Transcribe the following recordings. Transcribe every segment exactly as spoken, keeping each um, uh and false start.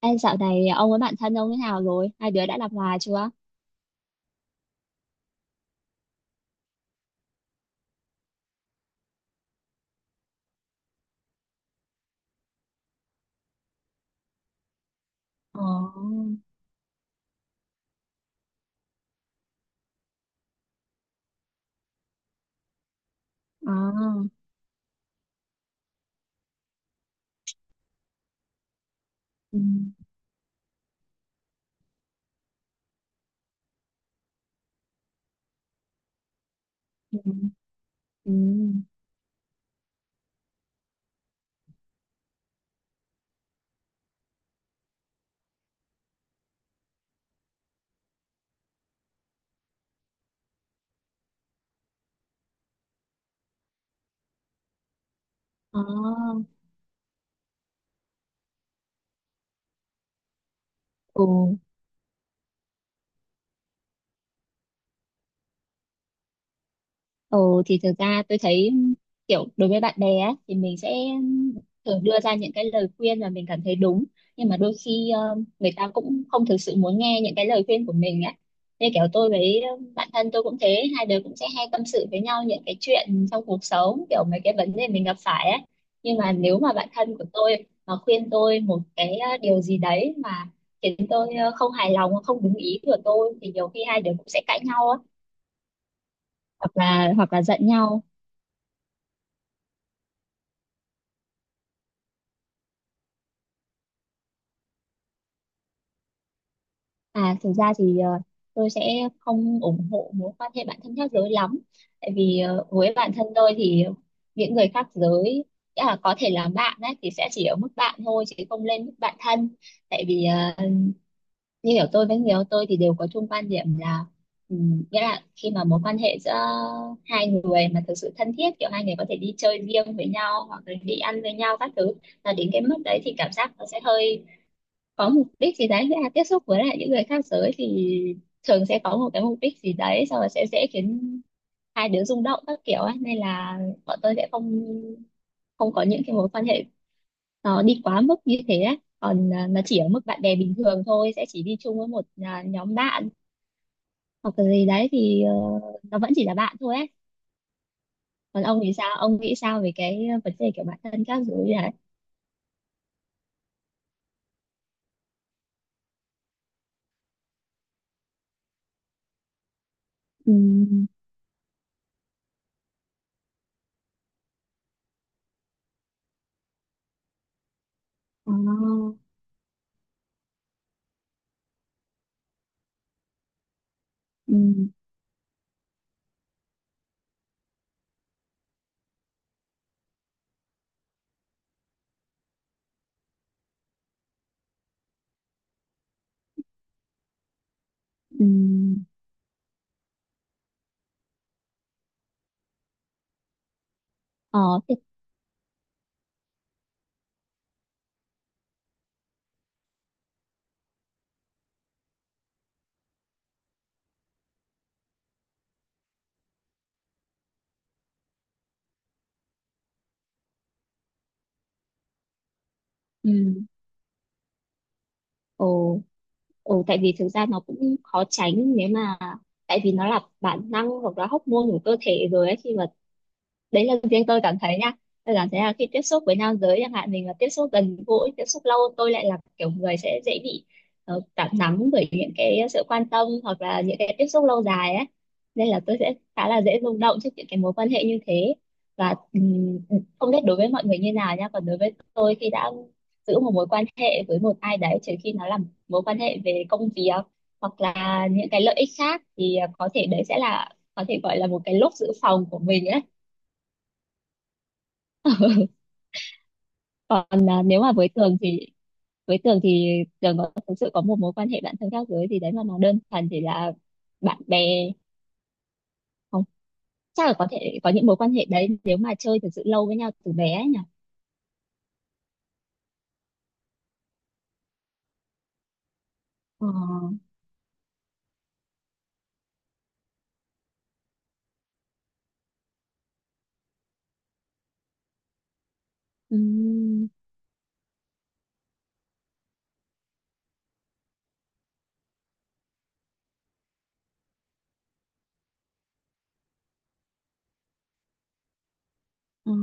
Ê, dạo này ông với bạn thân ông thế nào rồi? Hai đứa đã làm hòa chưa? Ồ, à, ừ, ừ, ừ, à, ừ. Ừ, thì thực ra tôi thấy kiểu đối với bạn bè á, thì mình sẽ thường đưa ra những cái lời khuyên mà mình cảm thấy đúng, nhưng mà đôi khi ờ, người ta cũng không thực sự muốn nghe những cái lời khuyên của mình á, nên kiểu tôi với ờ, bạn thân tôi cũng thế, hai đứa cũng sẽ hay tâm sự với nhau những cái chuyện trong cuộc sống, kiểu mấy cái vấn đề mình gặp phải á. Nhưng mà nếu mà bạn thân của tôi mà khuyên tôi một cái ờ, điều gì đấy mà khiến tôi ờ, không hài lòng, không đúng ý của tôi, thì nhiều khi hai đứa cũng sẽ cãi nhau á, hoặc là hoặc là giận nhau. À, thực ra thì ờ, tôi sẽ không ủng hộ mối quan hệ bạn thân khác giới lắm. Tại vì ờ, với bản thân tôi thì những người khác giới, nghĩa là có thể là bạn đấy thì sẽ chỉ ở mức bạn thôi chứ không lên mức bạn thân. Tại vì ờ, như hiểu tôi với người yêu tôi thì đều có chung quan điểm là, ừm, nghĩa là khi mà mối quan hệ giữa hai người mà thực sự thân thiết, kiểu hai người có thể đi chơi riêng với nhau hoặc là đi ăn với nhau các thứ, là đến cái mức đấy thì cảm giác nó sẽ hơi có mục đích gì đấy, nghĩa là tiếp xúc với lại những người khác giới thì thường sẽ có một cái mục đích gì đấy, xong rồi sẽ dễ khiến hai đứa rung động các kiểu ấy, nên là bọn tôi sẽ không không có những cái mối quan hệ nó đi quá mức như thế ấy. Còn à, nó chỉ ở mức bạn bè bình thường thôi, sẽ chỉ đi chung với một à, nhóm bạn hoặc là gì đấy thì ờ, nó vẫn chỉ là bạn thôi ấy. Còn ông thì sao, ông nghĩ sao về cái vấn đề kiểu bản thân các giới đấy? Ừ, ờ, ừ, ừ, ờ, thế- ừ, ồ. Ừ, tại vì thực ra nó cũng khó tránh, nếu mà tại vì nó là bản năng hoặc là hormone của cơ thể rồi ấy, khi mà đấy là riêng tôi cảm thấy nha, tôi cảm thấy là khi tiếp xúc với nam giới chẳng hạn, mình mà tiếp xúc gần gũi tiếp xúc lâu, tôi lại là kiểu người sẽ dễ bị ờ, cảm nắng bởi những cái sự quan tâm hoặc là những cái tiếp xúc lâu dài ấy, nên là tôi sẽ khá là dễ rung động trước những cái mối quan hệ như thế. Và ừm, không biết đối với mọi người như nào nha, còn đối với tôi khi đã giữ một mối quan hệ với một ai đấy, trừ khi nó là mối quan hệ về công việc hoặc là những cái lợi ích khác thì à, có thể đấy sẽ là có thể gọi là một cái lốp dự phòng của mình ấy. Còn à, nếu mà với Tường thì với Tường thì Tường có thực sự có một mối quan hệ bạn thân khác giới thì đấy mà nó đơn thuần chỉ là bạn bè, không, chắc là có thể có những mối quan hệ đấy nếu mà chơi thực sự lâu với nhau từ bé ấy nhỉ. Ờ, ừ, ờ,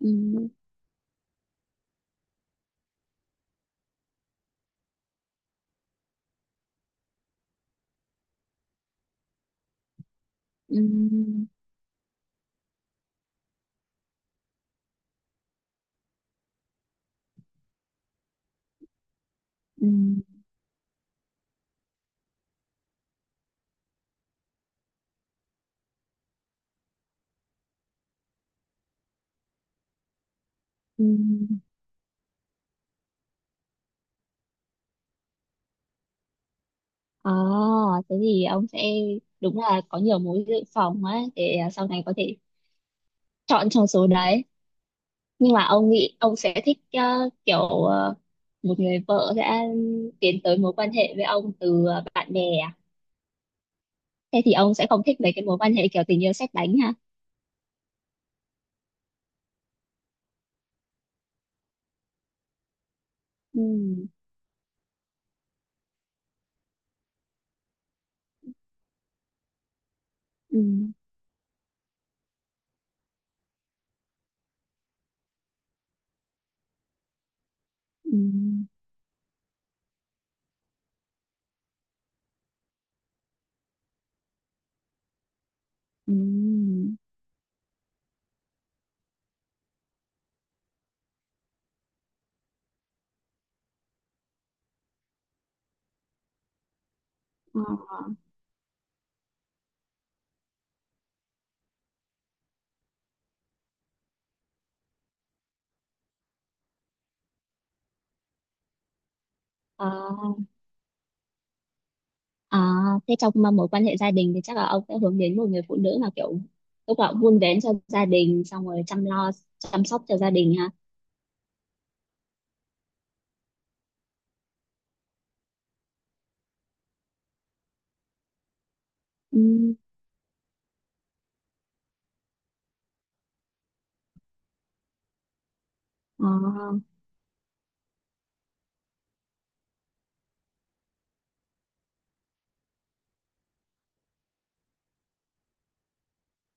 ừ, ừ, ừ, ừ, ờ. Thế thì ông sẽ đúng là có nhiều mối dự phòng ấy để à, sau này có thể chọn trong số đấy, nhưng mà ông nghĩ ông sẽ thích ờ, kiểu ờ, một người vợ sẽ tiến tới mối quan hệ với ông từ ờ, bạn bè à? Thế thì ông sẽ không thích mấy cái mối quan hệ kiểu tình yêu sét đánh ha? Ừ, ừ, ừ, ừ. Ờ, à, à, thế trong mà mối quan hệ gia đình thì chắc là ông sẽ hướng đến một người phụ nữ mà kiểu lúc nào cũng vun vén cho gia đình, xong rồi chăm lo chăm sóc cho gia đình ha? Ừ, ờ,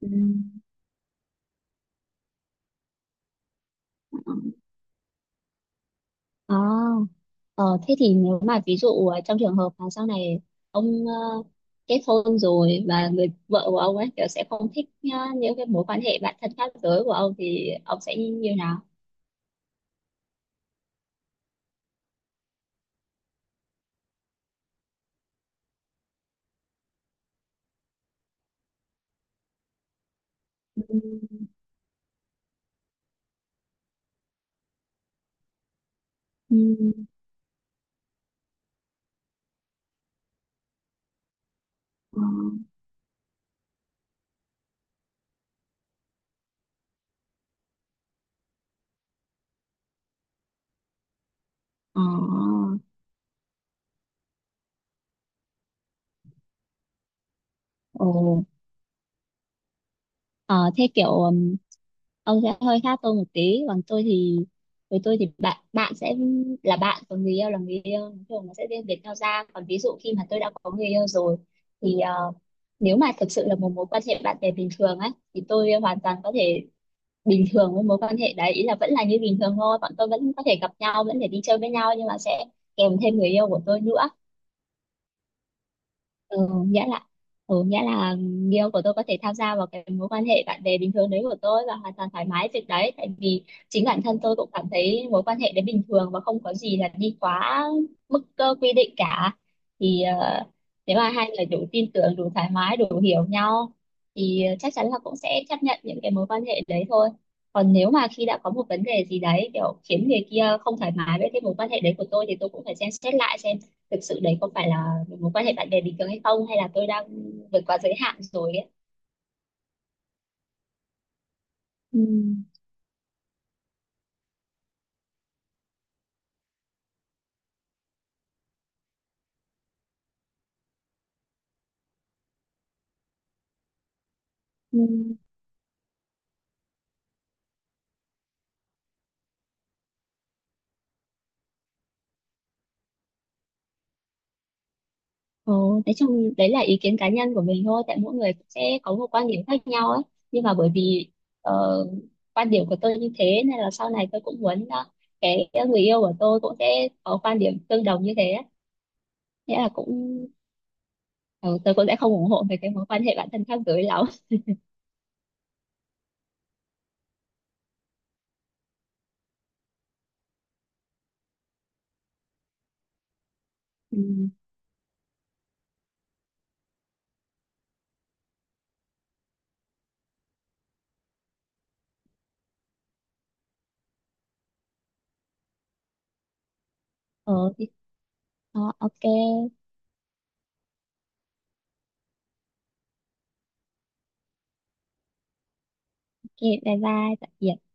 ừ, ờ. Ờ, thế thì nếu mà ví dụ ờ, trong trường hợp mà sau này ông ờ, kết hôn rồi và người vợ của ông ấy kiểu sẽ không thích ờ, những cái mối quan hệ bạn thân khác giới của ông, thì ông sẽ như nào? Ừ. Ừ. Ờ. Ờ. Ồ. Ờ, thế kiểu ừm, ông sẽ hơi khác tôi một tí, còn tôi thì với tôi thì bạn bạn sẽ là bạn, còn người yêu là người yêu, nói chung nó sẽ riêng biệt nhau ra. Còn ví dụ khi mà tôi đã có người yêu rồi thì ờ, nếu mà thực sự là một mối quan hệ bạn bè bình thường á thì tôi hoàn toàn có thể bình thường với mối quan hệ đấy, ý là vẫn là như bình thường thôi, bọn tôi vẫn có thể gặp nhau, vẫn thể đi chơi với nhau, nhưng mà sẽ kèm thêm người yêu của tôi nữa. Ừ, nghĩa là ừ, nghĩa là người yêu của tôi có thể tham gia vào cái mối quan hệ bạn bè bình thường đấy của tôi và hoàn toàn thoải mái việc đấy, tại vì chính bản thân tôi cũng cảm thấy mối quan hệ đấy bình thường và không có gì là đi quá mức cơ quy định cả. Thì ờ, nếu mà hai người đủ tin tưởng, đủ thoải mái, đủ hiểu nhau thì chắc chắn là cũng sẽ chấp nhận những cái mối quan hệ đấy thôi. Còn nếu mà khi đã có một vấn đề gì đấy kiểu khiến người kia không thoải mái với cái mối quan hệ đấy của tôi, thì tôi cũng phải xem xét lại xem thực sự đấy có phải là mối quan hệ bạn bè bình thường hay không, hay là tôi đang vượt quá giới hạn rồi ấy. Ừ. Ừ. Ồ, nói chung đấy là ý kiến cá nhân của mình thôi, tại mỗi người cũng sẽ có một quan điểm khác nhau ấy, nhưng mà bởi vì ờ, quan điểm của tôi như thế nên là sau này tôi cũng muốn ờ, cái người yêu của tôi cũng sẽ có quan điểm tương đồng như thế ấy. Nghĩa là cũng ờ, tôi cũng sẽ không ủng hộ về cái mối quan hệ bản thân khác giới lắm. Ừ. ờ, thì- ờ, ok. Ok, bye bye, tạm biệt.